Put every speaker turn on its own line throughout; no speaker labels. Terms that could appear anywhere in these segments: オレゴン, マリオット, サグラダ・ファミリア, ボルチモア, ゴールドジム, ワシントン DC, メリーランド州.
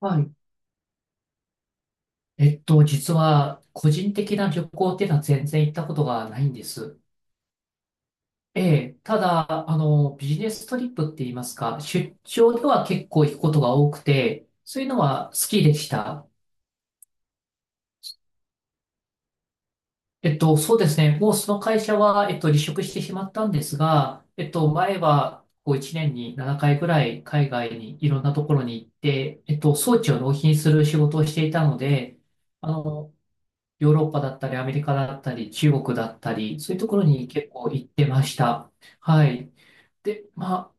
はい。実は、個人的な旅行っていうのは全然行ったことがないんです。ええ、ただ、ビジネストリップって言いますか、出張では結構行くことが多くて、そういうのは好きでした。そうですね。もうその会社は、離職してしまったんですが、前は、こう1年に7回ぐらい海外にいろんなところに行って、装置を納品する仕事をしていたので、あの、ヨーロッパだったり、アメリカだったり、中国だったり、そういうところに結構行ってました。はい。で、まあ、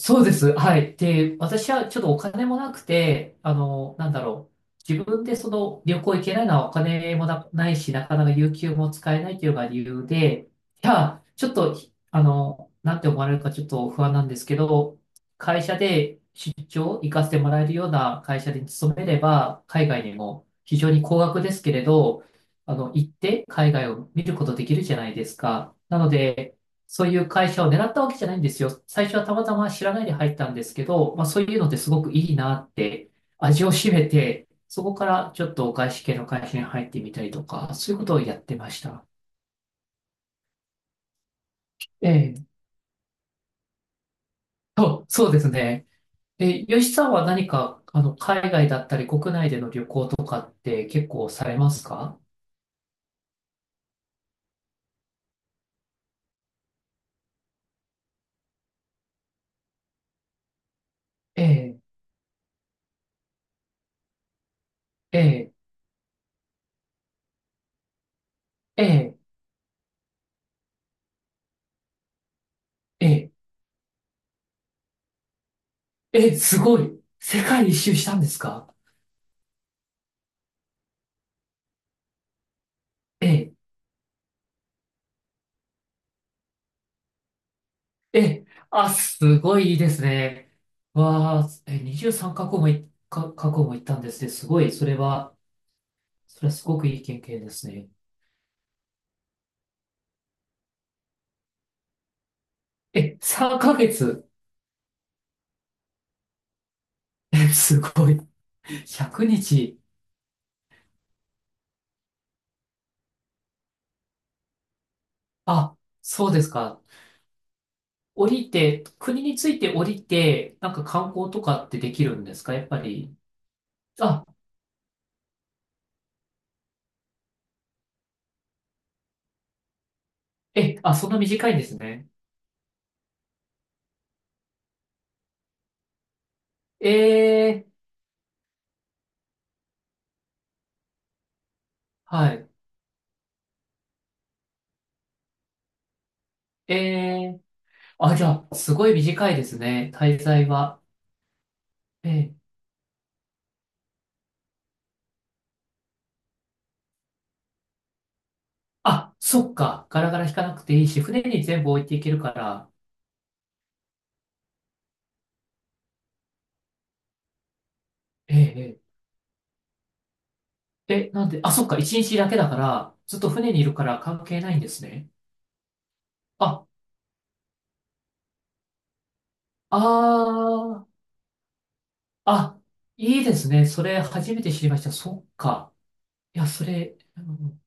そうです。はい。で、私はちょっとお金もなくて、なんだろう。自分でその旅行行けないのはお金もな、ないし、なかなか有給も使えないというのが理由で、いや、ちょっと、なんて思われるかちょっと不安なんですけど、会社で出張行かせてもらえるような会社に勤めれば、海外にも非常に高額ですけれど、行って海外を見ることできるじゃないですか。なので、そういう会社を狙ったわけじゃないんですよ。最初はたまたま知らないで入ったんですけど、まあそういうのってすごくいいなって、味を占めて、そこからちょっと外資系の会社に入ってみたりとか、そういうことをやってました。ええ。そうですね。え、吉さんは何か、海外だったり国内での旅行とかって結構されますか？ええ、ええ、ええ、ええ、ええ、すごい。世界一周したんですか？ええ、え、あ、すごいいいですね。わあ、え、23カ国もい、か、カ国も行ったんですね。すごい、それは、それはすごくいい経験ですね。え、3ヶ月。え、すごい。100日。あ、そうですか。降りて、国について降りて、なんか観光とかってできるんですか？やっぱり。あ、え、あ、そんな短いんですね。えー、はい。えー、あ、じゃあ、すごい短いですね。滞在は。えー、あ、そっか。ガラガラ引かなくていいし、船に全部置いていけるから。ええ、ええ、え、なんで、あ、そっか。一日だけだから、ずっと船にいるから関係ないんですね。あ、あ、ああ、いいですね。それ初めて知りました。そっか。いや、それ、うん、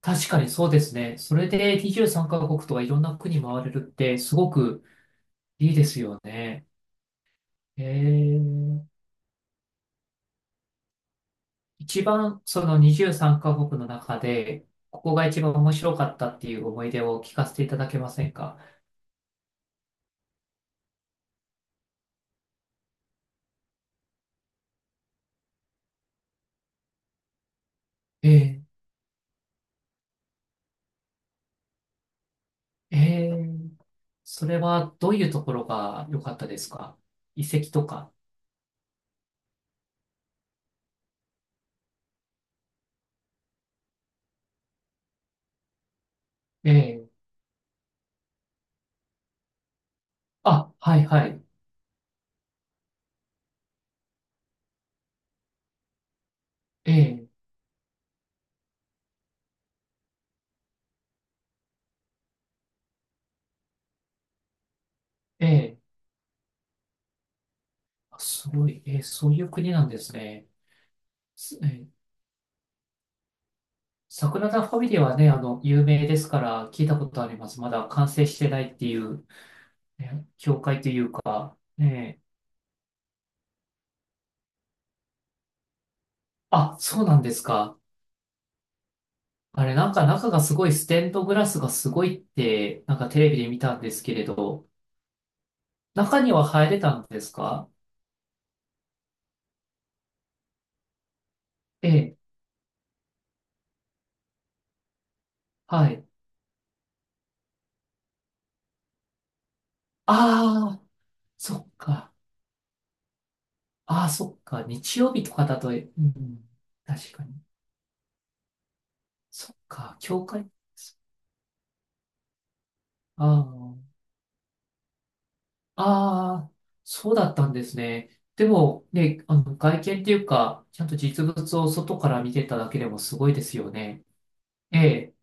確かにそうですね。それで23カ国とかいろんな国回れるってすごくいいですよね。ええ。一番その23カ国の中で、ここが一番面白かったっていう思い出を聞かせていただけませんか？えー、えー、それはどういうところが良かったですか？遺跡とか。ええ、あ、はいはい。ええ、ええ、あ、すごい。ええ、そういう国なんですね。す、ええ、サグラダ・ファミリアはね、有名ですから聞いたことあります。まだ完成してないっていう、ね、教会というか、ええ、あ、そうなんですか。あれ、なんか中がすごいステンドグラスがすごいって、なんかテレビで見たんですけれど、中には入れたんですか？ええ、はい。ああ、そっか。ああ、そっか。日曜日とかだと、うん、確かに。そっか。教会。ああ、ああ、そうだったんですね。でも、ね、外見っていうか、ちゃんと実物を外から見てただけでもすごいですよね。ええ、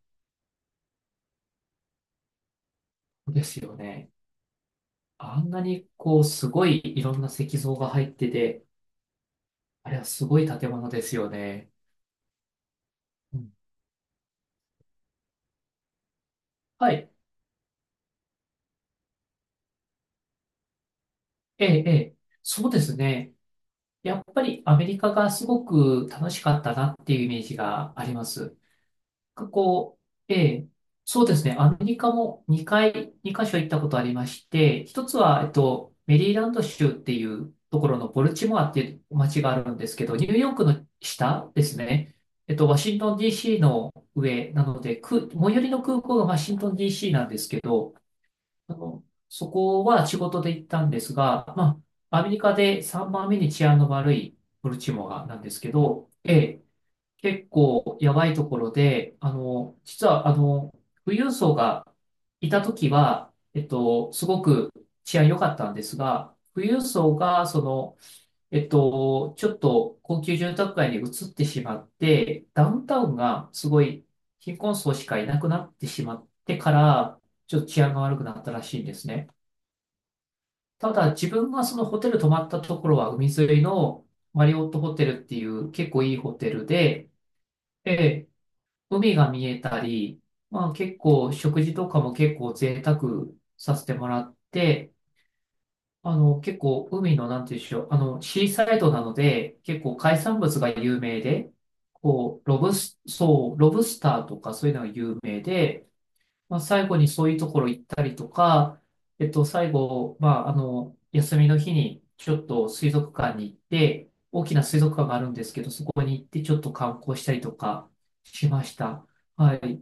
そうですよね。あんなにこう、すごいいろんな石像が入ってて、あれはすごい建物ですよね。うん、はい。ええ、ええ。そうですね。やっぱりアメリカがすごく楽しかったなっていうイメージがあります。こう、ええ、そうですね。アメリカも2カ所行ったことありまして、一つは、メリーランド州っていうところのボルチモアっていう街があるんですけど、ニューヨークの下ですね。ワシントン DC の上なので、く、最寄りの空港がワシントン DC なんですけど、あの、そこは仕事で行ったんですが、まあ、アメリカで3番目に治安の悪いボルチモアなんですけど、ええ、結構やばいところで、実は、富裕層がいたときは、すごく治安良かったんですが、富裕層が、その、ちょっと高級住宅街に移ってしまって、ダウンタウンがすごい貧困層しかいなくなってしまってから、ちょっと治安が悪くなったらしいんですね。ただ、自分がそのホテル泊まったところは海沿いのマリオットホテルっていう結構いいホテルで、ええ、海が見えたり、まあ結構食事とかも結構贅沢させてもらって、結構海のなんていうんでしょう、あのシーサイドなので結構海産物が有名で、こうロブス、そう、ロブスターとかそういうのが有名で、まあ、最後にそういうところ行ったりとか、最後、まあ、休みの日にちょっと水族館に行って、大きな水族館があるんですけど、そこに行ってちょっと観光したりとかしました。はい。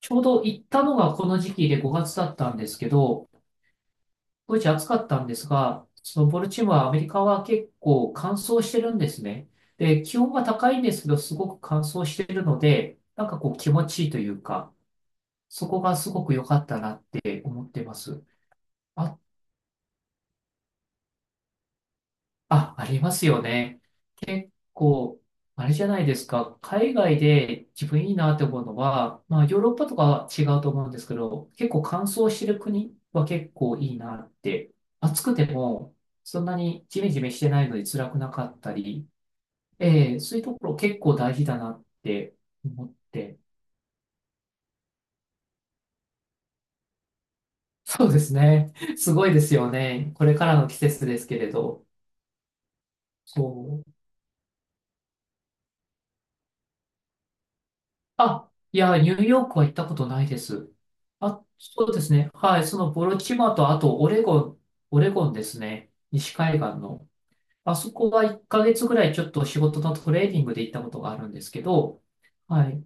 ちょうど行ったのがこの時期で5月だったんですけど、当時暑かったんですが、そのボルチモア、アメリカは結構乾燥してるんですね。で、気温が高いんですけど、すごく乾燥してるので、なんかこう気持ちいいというか、そこがすごく良かったなって思ってます。あ、あ、ありますよね。結構、あれじゃないですか。海外で自分いいなって思うのは、まあヨーロッパとかは違うと思うんですけど、結構乾燥してる国は結構いいなって。暑くても、そんなにジメジメしてないので辛くなかったり、ええ、そういうところ結構大事だなって思って。そうですね。すごいですよね。これからの季節ですけれど。そう。あ、いや、ニューヨークは行ったことないです。あ、そうですね。はい。そのボロチマと、あとオレゴン、オレゴンですね。西海岸の。あそこは1ヶ月ぐらいちょっと仕事のトレーニングで行ったことがあるんですけど、はい。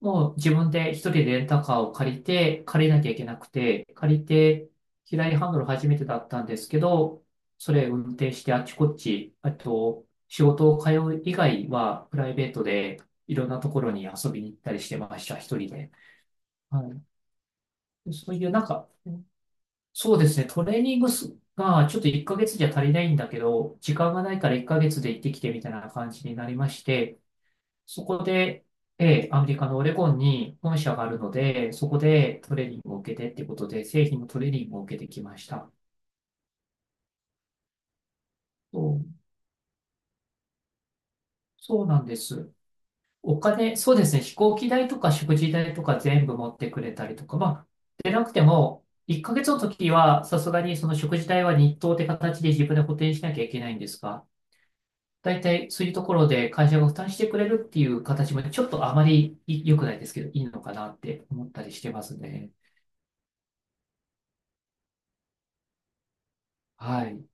もう自分で一人でレンタカーを借りなきゃいけなくて、借りて、左ハンドル初めてだったんですけど、それ運転してあっちこっち、あと、仕事を通う以外は、プライベートでいろんなところに遊びに行ったりしてました、一人で。はい。そういうなんか、そうですね、トレーニングすがちょっと1ヶ月じゃ足りないんだけど、時間がないから1ヶ月で行ってきてみたいな感じになりまして、そこで、えーアメリカのオレゴンに本社があるので、そこでトレーニングを受けてっていうことで、製品のトレーニングを受けてきました。そう、そうなんです。お金、そうですね、飛行機代とか食事代とか全部持ってくれたりとか、まあ、でなくても、1ヶ月の時は、さすがにその食事代は日当って形で自分で補填しなきゃいけないんですが、大体そういうところで会社が負担してくれるっていう形も、ちょっとあまり良くないですけど、いいのかなって思ったりしてますね。はい。